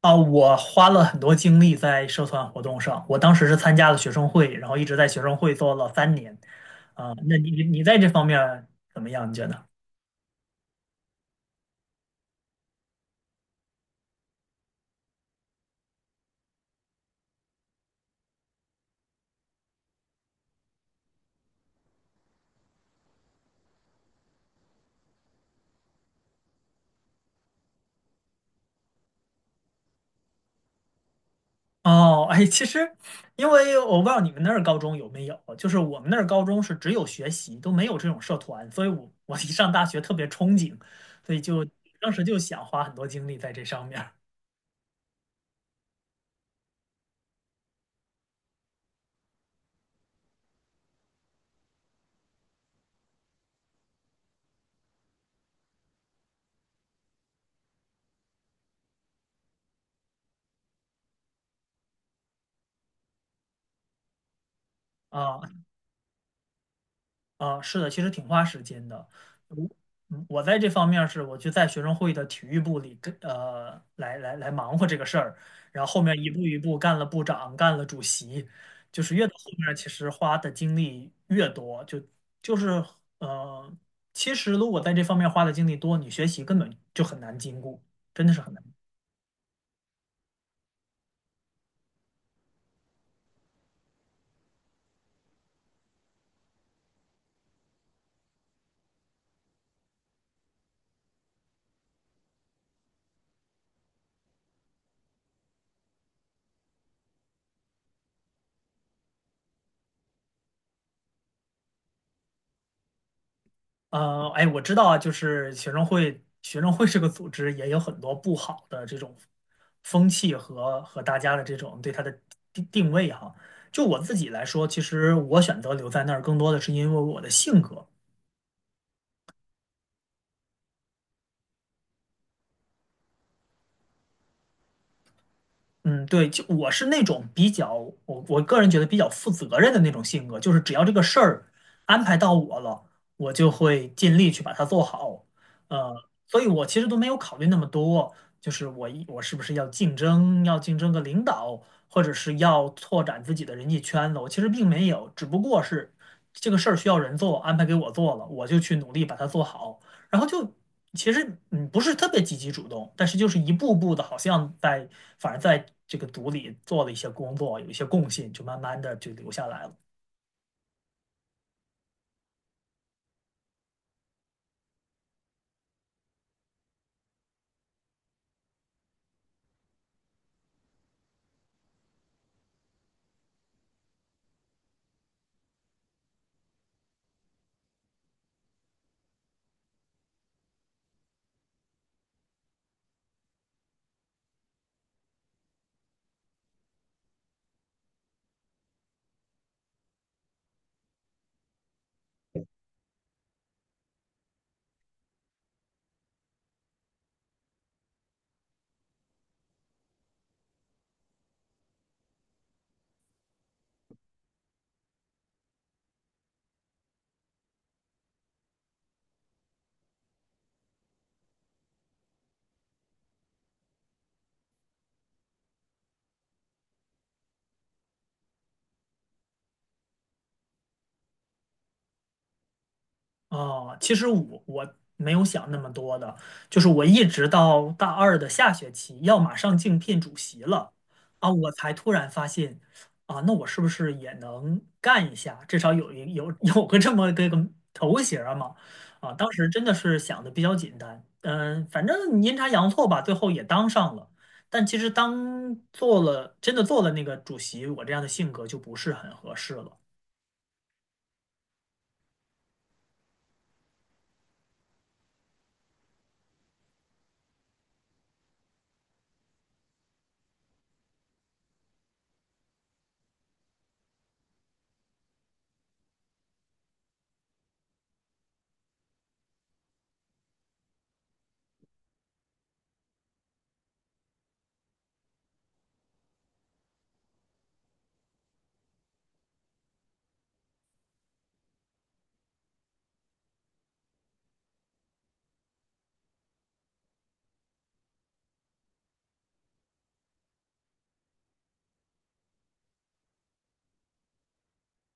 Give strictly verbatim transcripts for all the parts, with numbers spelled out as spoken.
啊，我花了很多精力在社团活动上。我当时是参加了学生会，然后一直在学生会做了三年。啊，那你你你在这方面怎么样？你觉得？哦，哎，其实，因为我不知道你们那儿高中有没有，就是我们那儿高中是只有学习，都没有这种社团，所以我我一上大学特别憧憬，所以就当时就想花很多精力在这上面儿啊。啊，是的，其实挺花时间的。我嗯我在这方面儿是我就在学生会的体育部里跟呃来来来忙活这个事儿，然后后面一步一步干了部长，干了主席，就是越到后面儿其实花的精力越多，就就是呃，其实如果在这方面花的精力多，你学习根本就很难兼顾，真的是很难。呃，哎，我知道啊，就是学生会，学生会这个组织也有很多不好的这种风气和和大家的这种对它的定定位哈。就我自己来说，其实我选择留在那儿，更多的是因为我的性格。嗯，对，就我是那种比较，我我个人觉得比较负责任的那种性格，就是只要这个事儿安排到我了，我就会尽力去把它做好。呃，所以我其实都没有考虑那么多，就是我一我是不是要竞争，要竞争个领导，或者是要拓展自己的人际圈子，我其实并没有，只不过是这个事儿需要人做，安排给我做了，我就去努力把它做好，然后就其实嗯不是特别积极主动，但是就是一步步的，好像在反而在这个组里做了一些工作，有一些共性，就慢慢的就留下来了。哦，其实我我没有想那么多的，就是我一直到大二的下学期要马上竞聘主席了啊，我才突然发现啊，那我是不是也能干一下？至少有一有 有个这么个个头衔儿嘛啊，当时真的是想的比较简单，嗯，反正阴差阳错吧，最后也当上了。但其实当做了真的做了那个主席，我这样的性格就不是很合适了。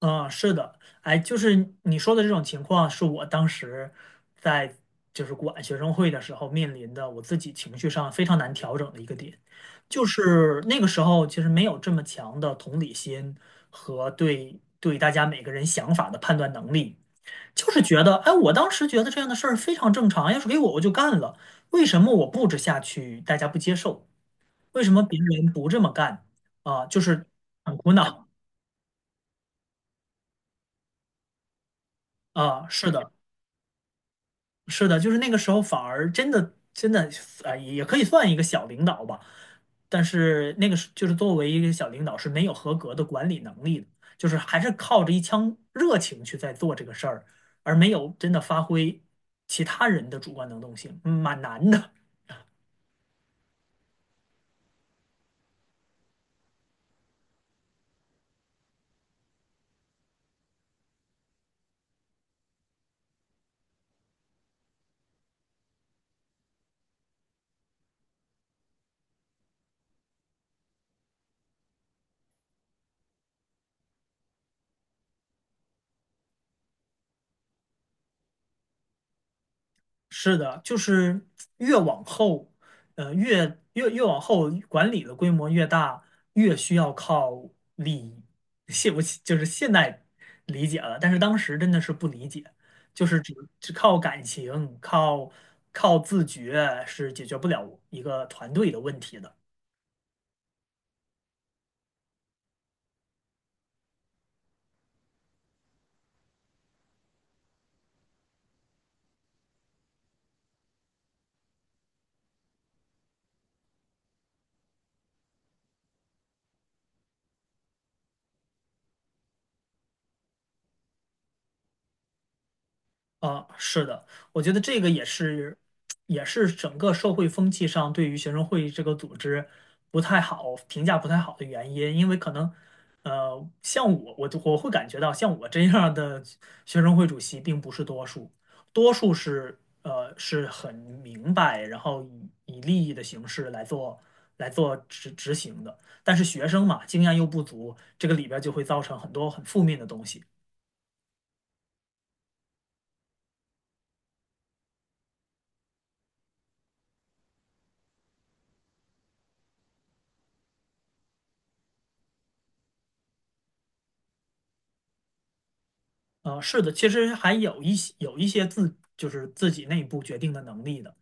嗯，是的，哎，就是你说的这种情况，是我当时在就是管学生会的时候面临的，我自己情绪上非常难调整的一个点，就是那个时候其实没有这么强的同理心和对对大家每个人想法的判断能力，就是觉得，哎，我当时觉得这样的事儿非常正常，要是给我我就干了，为什么我布置下去大家不接受？为什么别人不这么干？啊，就是很苦恼啊，是的。是的，就是那个时候反而真的真的啊、呃，也可以算一个小领导吧，但是那个是就是作为一个小领导是没有合格的管理能力的，就是还是靠着一腔热情去在做这个事儿，而没有真的发挥其他人的主观能动性，嗯蛮难的。是的，就是越往后，呃，越越越往后，管理的规模越大，越需要靠理，现我就是现代理解了，但是当时真的是不理解，就是只只靠感情，靠靠自觉是解决不了一个团队的问题的。啊，是的，我觉得这个也是，也是整个社会风气上对于学生会这个组织不太好评价不太好的原因，因为可能，呃，像我，我就我会感觉到，像我这样的学生会主席并不是多数，多数是呃是很明白，然后以以利益的形式来做来做执执行的，但是学生嘛，经验又不足，这个里边儿就会造成很多很负面的东西。呃，是的，其实还有一些有一些自就是自己内部决定的能力的。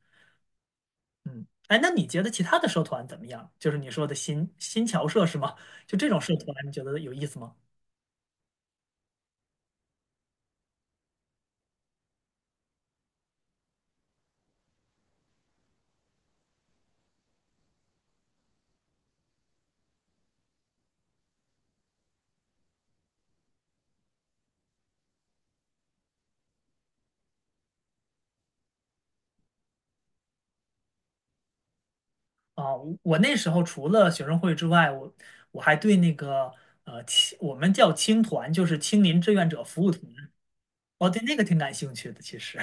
嗯，哎，那你觉得其他的社团怎么样？就是你说的新新侨社是吗？就这种社团，你觉得有意思吗？啊，我我那时候除了学生会之外，我我还对那个呃青我们叫青团，就是青年志愿者服务团，我对那个挺感兴趣的，其实。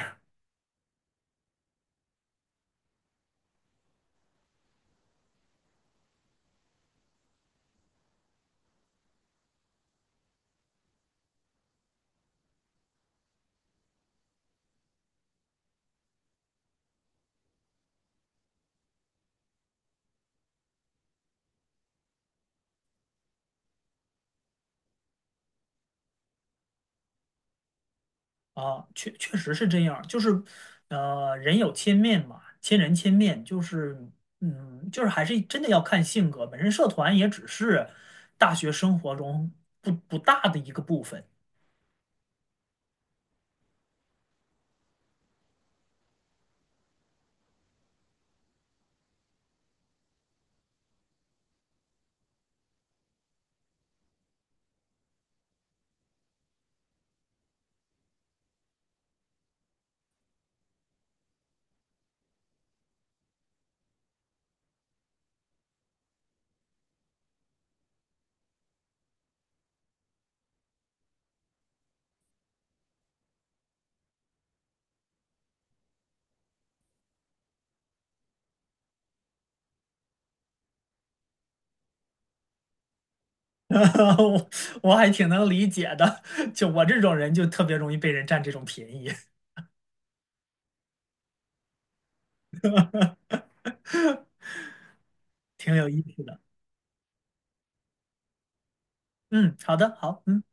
啊，确确实是这样，就是，呃，人有千面嘛，千人千面，就是，嗯，就是还是真的要看性格。本身社团也只是大学生活中不不大的一个部分。我我还挺能理解的。就我这种人，就特别容易被人占这种便宜。挺有意思的。嗯，好的，好，嗯。